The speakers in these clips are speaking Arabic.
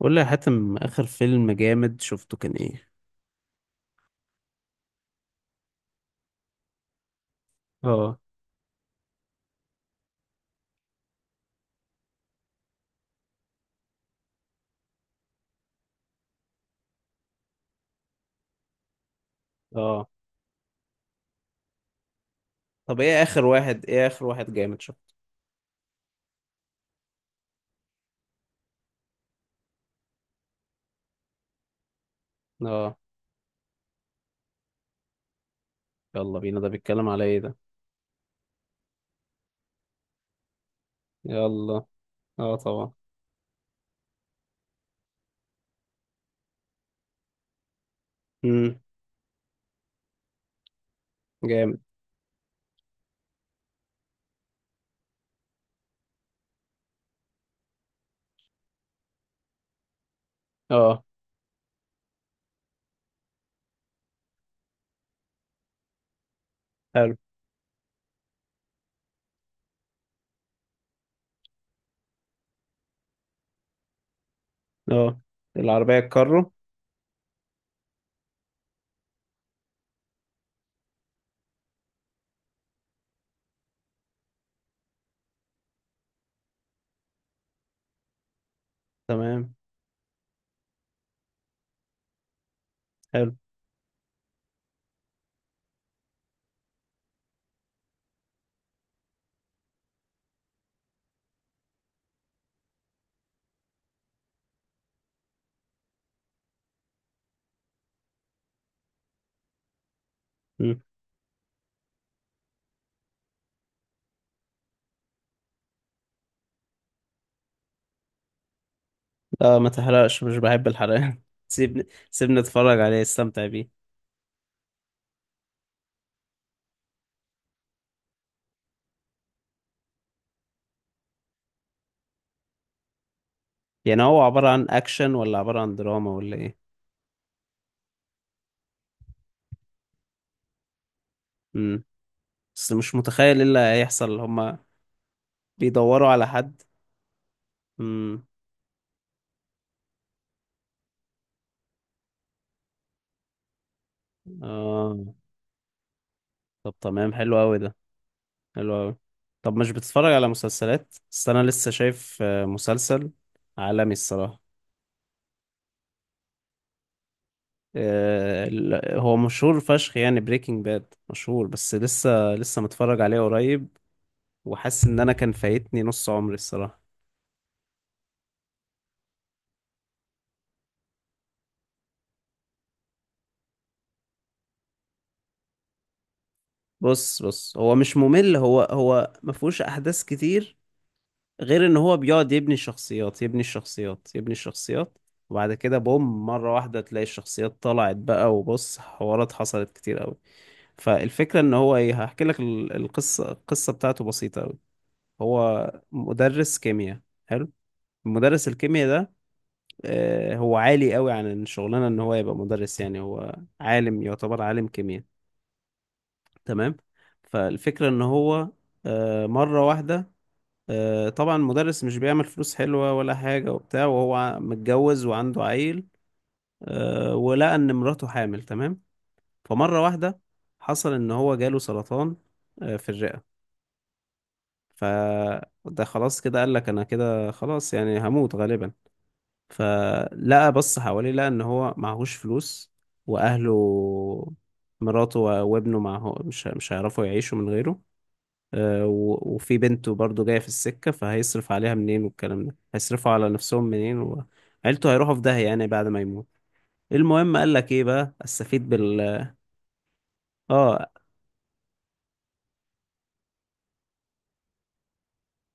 قول لي يا حاتم، اخر فيلم جامد شفته كان ايه؟ اه. اه. طب ايه اخر واحد، جامد شفته؟ اه. يلا بينا، ده بيتكلم على ايه ده؟ يلا. اه، طبعا. امم. جامد. اه. حلو. اه. العربية الكارو. تمام. حلو. امم. لا، ما تحرقش، مش بحب الحرقان. سيبني اتفرج عليه، استمتع بيه. يعني هو عبارة عن اكشن، ولا عبارة عن دراما، ولا ايه؟ امم. بس مش متخيل ايه اللي هيحصل هما. بيدوروا على حد؟ امم. اه. طب تمام، حلو قوي ده. حلو قوي. طب مش بتتفرج على مسلسلات؟ بس انا لسه شايف مسلسل عالمي الصراحة. هو مشهور فشخ يعني، بريكنج باد مشهور، بس لسه متفرج عليه قريب. وحاسس ان انا كان فايتني نص عمري الصراحة. بص، هو مش ممل، هو مفهوش احداث كتير. غير ان هو بيقعد يبني شخصيات، يبني الشخصيات، يبني الشخصيات. وبعد كده بوم، مرة واحدة تلاقي الشخصيات طلعت بقى، وبص، حوارات حصلت كتير قوي. فالفكرة ان هو ايه، هحكي لك القصة بتاعته بسيطة أوي. هو مدرس كيمياء. حلو. مدرس الكيمياء ده، هو عالي قوي عن الشغلانة ان هو يبقى مدرس، يعني هو عالم، يعتبر عالم كيمياء. تمام. فالفكرة ان هو مرة واحدة، طبعا مدرس مش بيعمل فلوس حلوة ولا حاجة وبتاع، وهو متجوز وعنده عيل. ولقى ان مراته حامل. تمام. فمرة واحدة، حصل ان هو جاله سرطان، في الرئة. فده خلاص كده، قال لك انا كده خلاص، يعني هموت غالبا. فلقى، بص حواليه، لقى ان هو معهوش فلوس. واهله، مراته و- وابنه معه مش هيعرفوا يعيشوا من غيره. و- وفي بنته برضه جاية في السكة، فهيصرف عليها منين؟ والكلام ده، هيصرفوا على نفسهم منين؟ وعيلته هيروحوا في داهية، يعني بعد ما يموت. المهم قال لك، ايه بقى؟ استفيد بال... اه.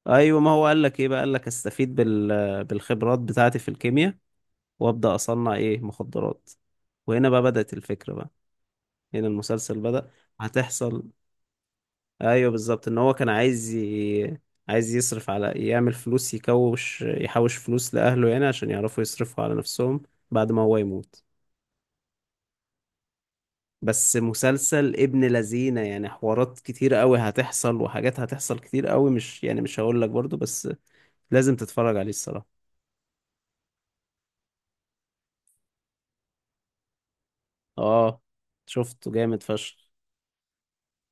ايوه، ما هو قال لك، ايه بقى؟ قال لك استفيد بال... بالخبرات بتاعتي في الكيمياء. وابدا اصنع ايه؟ مخدرات. وهنا بقى بدات الفكره بقى. هنا المسلسل بدا. هتحصل. ايوه، بالظبط، ان هو كان عايز ي... عايز يصرف على، يعمل فلوس، يكوش، يحوش فلوس لاهله هنا، عشان يعرفوا يصرفوا على نفسهم. بعد ما هو يموت. بس مسلسل ابن لذينه، يعني حوارات كتير قوي هتحصل، وحاجات هتحصل كتير قوي، مش يعني، مش هقول لك برضو، بس. لازم تتفرج عليه الصراحه. اه. شفته جامد فشخ.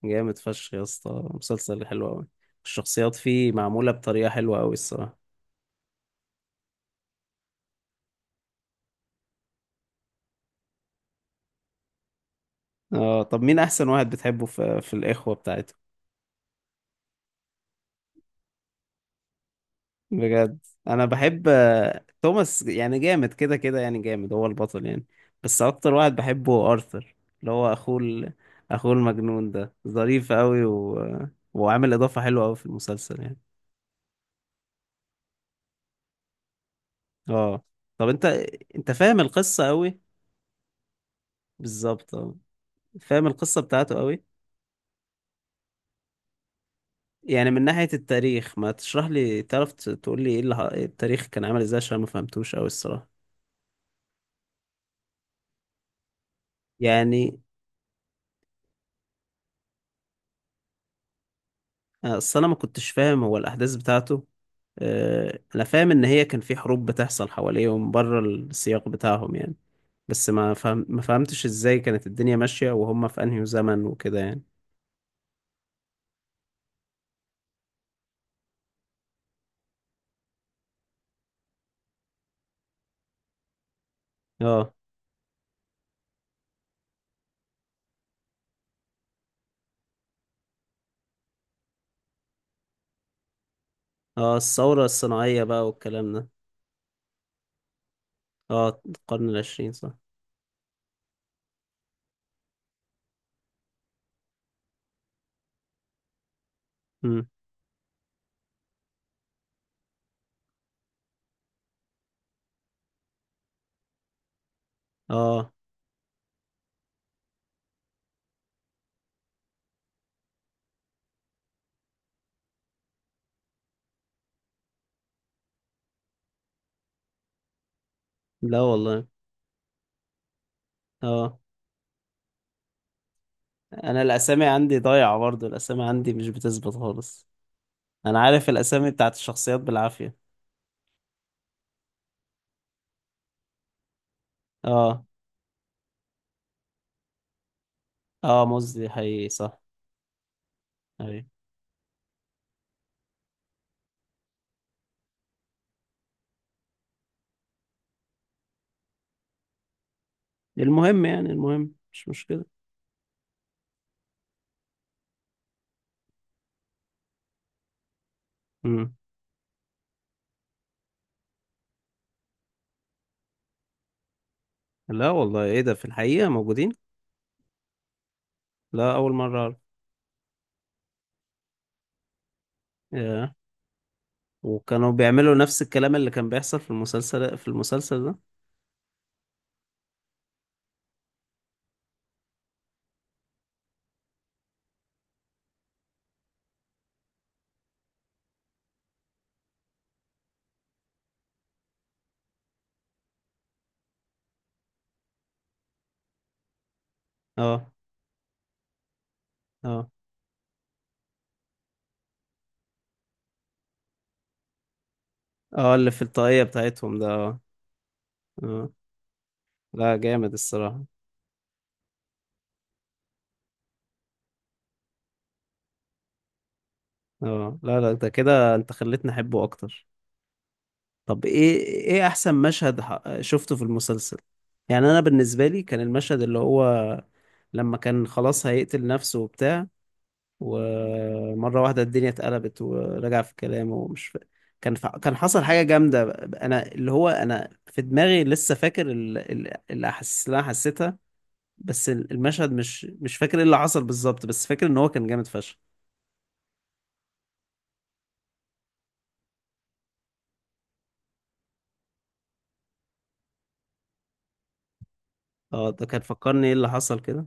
جامد فشخ يا اسطى، مسلسل حلو قوي. الشخصيات فيه معمولة بطريقة حلوة قوي الصراحة. اه. طب مين احسن واحد بتحبه في الاخوة بتاعته؟ بجد؟ انا بحب توماس، يعني جامد كده كده، يعني جامد، هو البطل يعني. بس اكتر واحد بحبه هو ارثر، اللي هو اخوه المجنون ده، ظريف قوي و... وعامل اضافة حلوة قوي في المسلسل يعني. اه. طب انت. انت فاهم القصة قوي. بالظبط، اه. فاهم القصة بتاعته قوي. يعني من ناحية التاريخ، ما تشرح لي، تعرف تقول لي، إيه التاريخ كان عامل ازاي؟ عشان ما فهمتوش قوي الصراحة. يعني، اصل انا ما كنتش فاهم هو الاحداث بتاعته. انا فاهم ان هي كان في حروب بتحصل حواليهم بره السياق بتاعهم يعني. بس ما فهمتش ازاي كانت الدنيا ماشية وهم في انهي زمن وكده يعني. اه. اه، الثورة الصناعية بقى والكلام ده. اه، القرن العشرين، صح. امم. اه. لا والله. اه. انا الاسامي عندي ضايعه، برضو الاسامي عندي مش بتثبت خالص. انا عارف الاسامي بتاعت الشخصيات بالعافيه. اه. اه، مزي حقيقي، صح. ايوه. المهم، يعني المهم، مش مشكله. امم. لا والله، ايه ده؟ في الحقيقه موجودين؟ لا، اول مره اعرف. ياه. وكانوا بيعملوا نفس الكلام اللي كان بيحصل في المسلسل ده؟ اه. اه. اه. اللي في الطاقيه بتاعتهم ده، اه. اه. لا، جامد الصراحه. اه. لا، لا، ده كده انت خليتني احبه اكتر. طب ايه احسن مشهد شفته في المسلسل؟ يعني انا بالنسبه لي كان المشهد اللي هو، لما كان خلاص هيقتل نفسه وبتاع، ومره واحده الدنيا اتقلبت ورجع في كلامه، ومش ف... كان حصل حاجه جامده. انا اللي هو، انا في دماغي لسه فاكر الاحاسيس اللي انا حسيتها. بس المشهد مش فاكر ايه اللي حصل بالظبط، بس فاكر ان هو كان جامد فشخ. اه. ده كان فكرني ايه اللي حصل كده.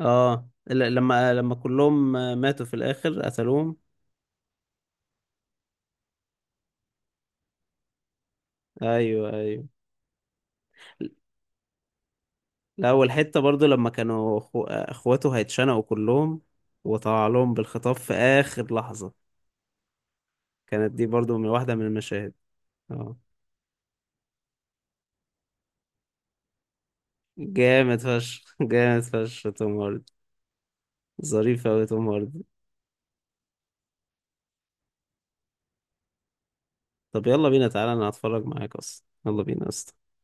اه، لما كلهم ماتوا في الاخر، قتلوهم. ايوه، ايوه. لا، والحته برضو لما كانوا اخواته هيتشنقوا كلهم، وطلع لهم بالخطاب في اخر لحظه. كانت دي برضو من واحده من المشاهد. اه. جامد فشخ. جامد فشخ توم هاردي. ظريف اوي توم هاردي. طب يلا بينا، تعالى انا هتفرج معاك اصلا، يلا بينا اصلا.